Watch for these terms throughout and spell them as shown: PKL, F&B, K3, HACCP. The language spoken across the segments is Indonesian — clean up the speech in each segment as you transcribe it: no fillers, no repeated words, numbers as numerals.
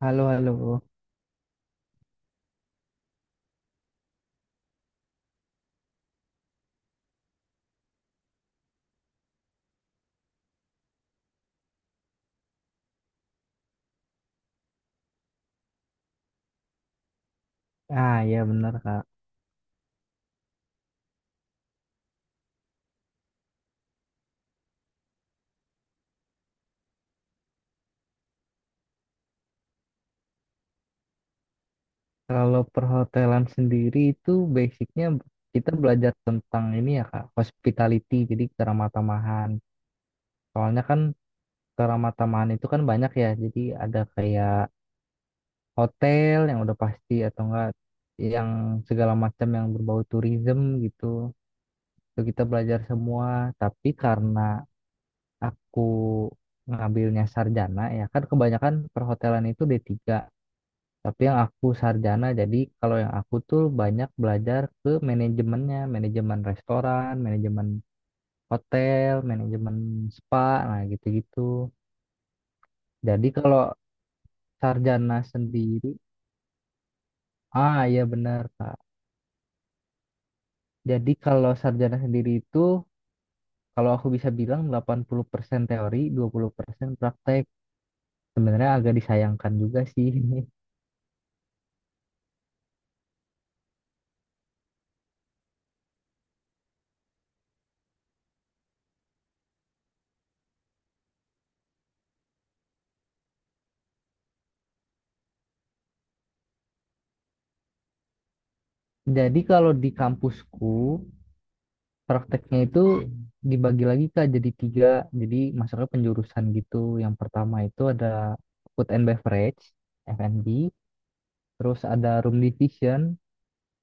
Halo, halo. Ah, ya benar, Kak. Kalau perhotelan sendiri itu basicnya kita belajar tentang ini ya, Kak, hospitality, jadi keramah-tamahan. Soalnya kan keramah-tamahan itu kan banyak ya, jadi ada kayak hotel yang udah pasti atau enggak yang segala macam yang berbau tourism gitu. Itu kita belajar semua, tapi karena aku ngambilnya sarjana ya kan kebanyakan perhotelan itu D3. Tapi yang aku sarjana, jadi kalau yang aku tuh banyak belajar ke manajemennya, manajemen restoran, manajemen hotel, manajemen spa, nah gitu-gitu. Jadi kalau sarjana sendiri, Ah iya benar Kak. Jadi kalau sarjana sendiri itu, kalau aku bisa bilang 80% teori, 20% praktek. Sebenarnya agak disayangkan juga sih. Jadi kalau di kampusku, prakteknya itu dibagi lagi Kak jadi tiga, jadi masuknya penjurusan gitu. Yang pertama itu ada food and beverage, F&B, terus ada room division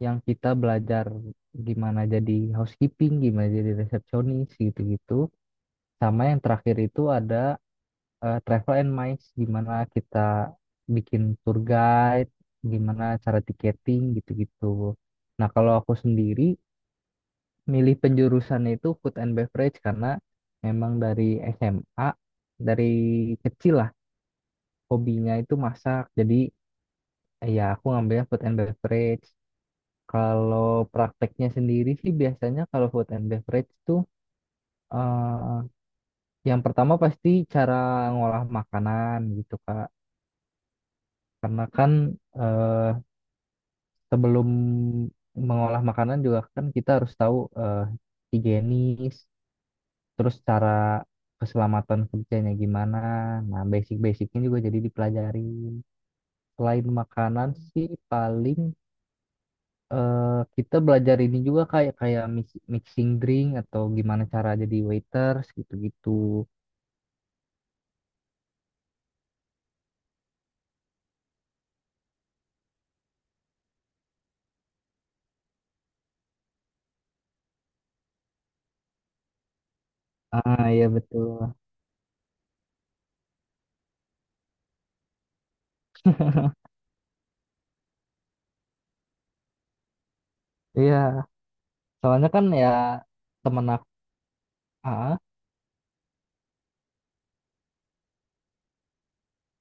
yang kita belajar gimana jadi housekeeping, gimana jadi resepsionis gitu-gitu. Sama yang terakhir itu ada travel and mice, gimana kita bikin tour guide, gimana cara tiketing gitu-gitu. Nah, kalau aku sendiri milih penjurusan itu food and beverage karena memang dari SMA dari kecil lah hobinya itu masak jadi ya aku ngambilnya food and beverage kalau prakteknya sendiri sih biasanya kalau food and beverage tuh eh, yang pertama pasti cara ngolah makanan gitu Kak karena kan eh, sebelum mengolah makanan juga kan kita harus tahu eh, higienis terus cara keselamatan kerjanya gimana. Nah, basic-basicnya juga jadi dipelajarin. Selain makanan sih paling eh, kita belajar ini juga kayak kayak mixing drink atau gimana cara jadi waiters gitu-gitu. Ah iya betul. Iya, soalnya kan ya temen aku, ah,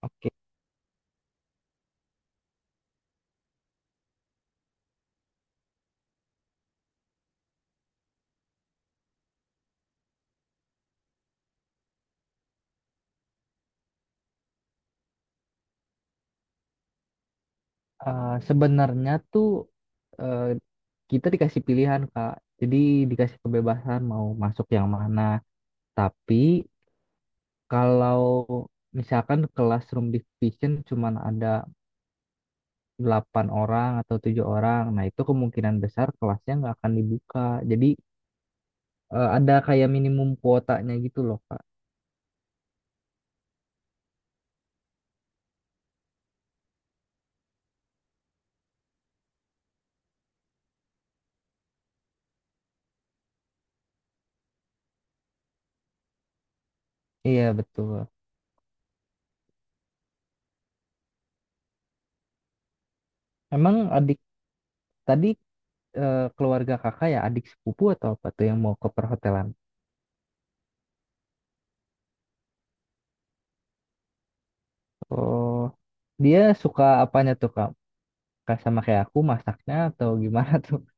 oke. Sebenarnya tuh eh, kita dikasih pilihan Kak. Jadi dikasih kebebasan mau masuk yang mana. Tapi kalau misalkan kelas room division cuman ada 8 orang atau tujuh orang, nah itu kemungkinan besar kelasnya nggak akan dibuka. Jadi ada kayak minimum kuotanya gitu loh, Kak. Iya, betul. Emang adik tadi keluarga kakak ya adik sepupu atau apa tuh yang mau ke perhotelan? Oh, dia suka apanya tuh, Kak? Kak sama kayak aku masaknya atau gimana tuh?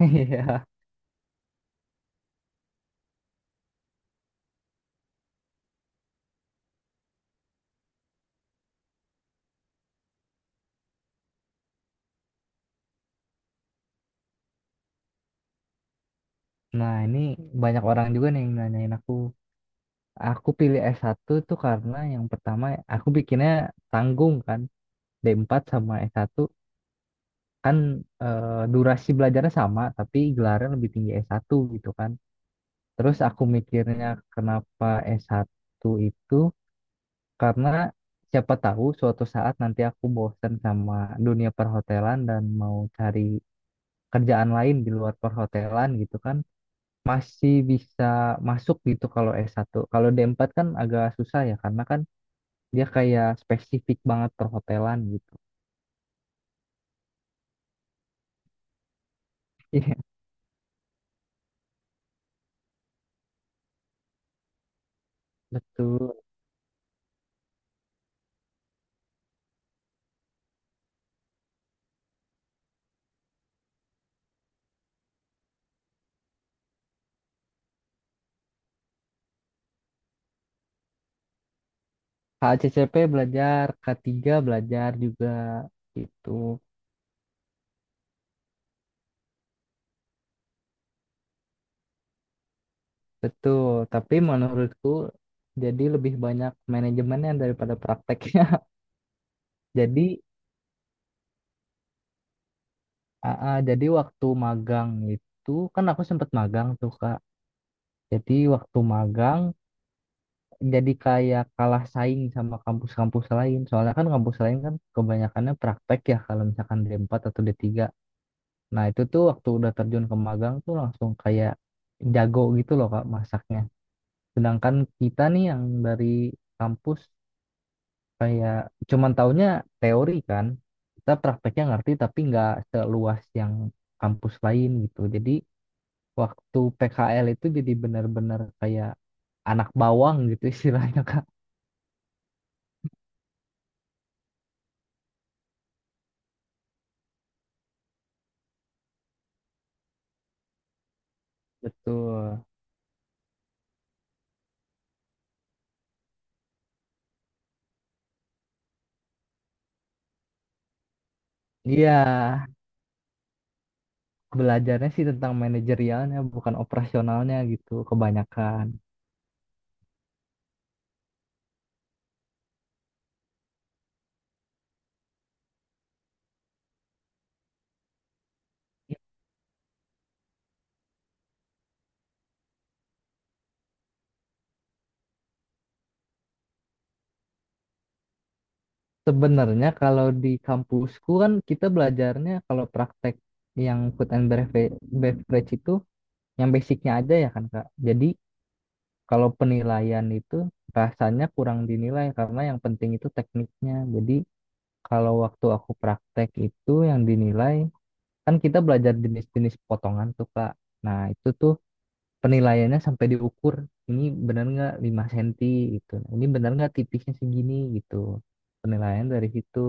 Iya. Nah, ini banyak orang juga nih yang nanyain aku. Aku pilih s satu tuh karena yang pertama aku bikinnya tanggung kan. D empat sama s satu kan durasi belajarnya sama tapi gelarnya lebih tinggi s satu gitu kan. Terus aku mikirnya kenapa s satu itu karena siapa tahu suatu saat nanti aku bosen sama dunia perhotelan dan mau cari kerjaan lain di luar perhotelan gitu kan. Masih bisa masuk gitu kalau s satu. Kalau d empat kan agak susah ya karena kan dia kayak spesifik banget perhotelan gitu. Iya, betul. HACCP belajar, K3 belajar juga gitu. Betul, tapi menurutku jadi lebih banyak manajemennya daripada prakteknya. Jadi, jadi waktu magang itu kan aku sempat magang tuh Kak. Jadi waktu magang jadi kayak kalah saing sama kampus-kampus lain. Soalnya kan kampus lain kan kebanyakannya praktek ya kalau misalkan D4 atau D3. Nah, itu tuh waktu udah terjun ke magang tuh langsung kayak jago gitu loh Kak masaknya. Sedangkan kita nih yang dari kampus kayak cuman taunya teori kan. Kita prakteknya ngerti tapi nggak seluas yang kampus lain gitu. Jadi waktu PKL itu jadi benar-benar kayak anak bawang gitu istilahnya Kak. Betul. Iya, belajarnya sih tentang manajerialnya bukan operasionalnya gitu kebanyakan. Sebenarnya kalau di kampusku kan kita belajarnya kalau praktek yang food and beverage, beverage itu yang basicnya aja ya kan Kak. Jadi kalau penilaian itu rasanya kurang dinilai karena yang penting itu tekniknya. Jadi kalau waktu aku praktek itu yang dinilai kan kita belajar jenis-jenis potongan tuh Kak. Nah itu tuh penilaiannya sampai diukur ini benar nggak 5 cm gitu. Ini benar nggak tipisnya segini gitu. Penilaian dari situ.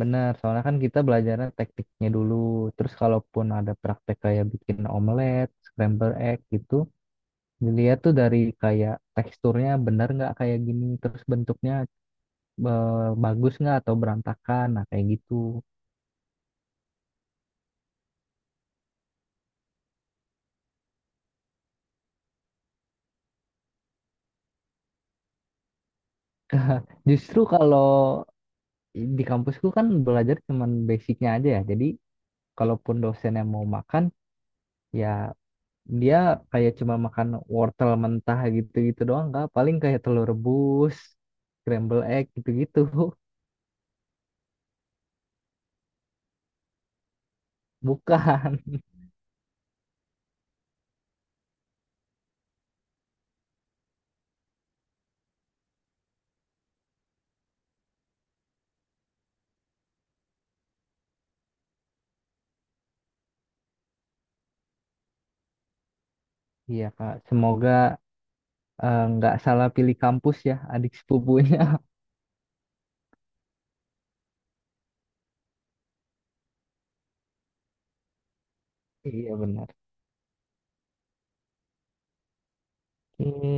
Benar, soalnya kan kita belajarnya tekniknya dulu. Terus kalaupun ada praktek kayak bikin omelet, scramble egg gitu, dilihat tuh dari kayak teksturnya benar nggak kayak gini, terus bentuknya bagus nggak atau berantakan, nah kayak gitu. Justru kalau di kampusku kan belajar cuman basicnya aja ya. Jadi kalaupun dosennya mau makan, ya dia kayak cuma makan wortel mentah gitu-gitu doang nggak, paling kayak telur rebus, scramble egg gitu-gitu. Bukan. Iya, Kak. Semoga nggak salah pilih kampus ya adik sepupunya. Iya, benar. Oke.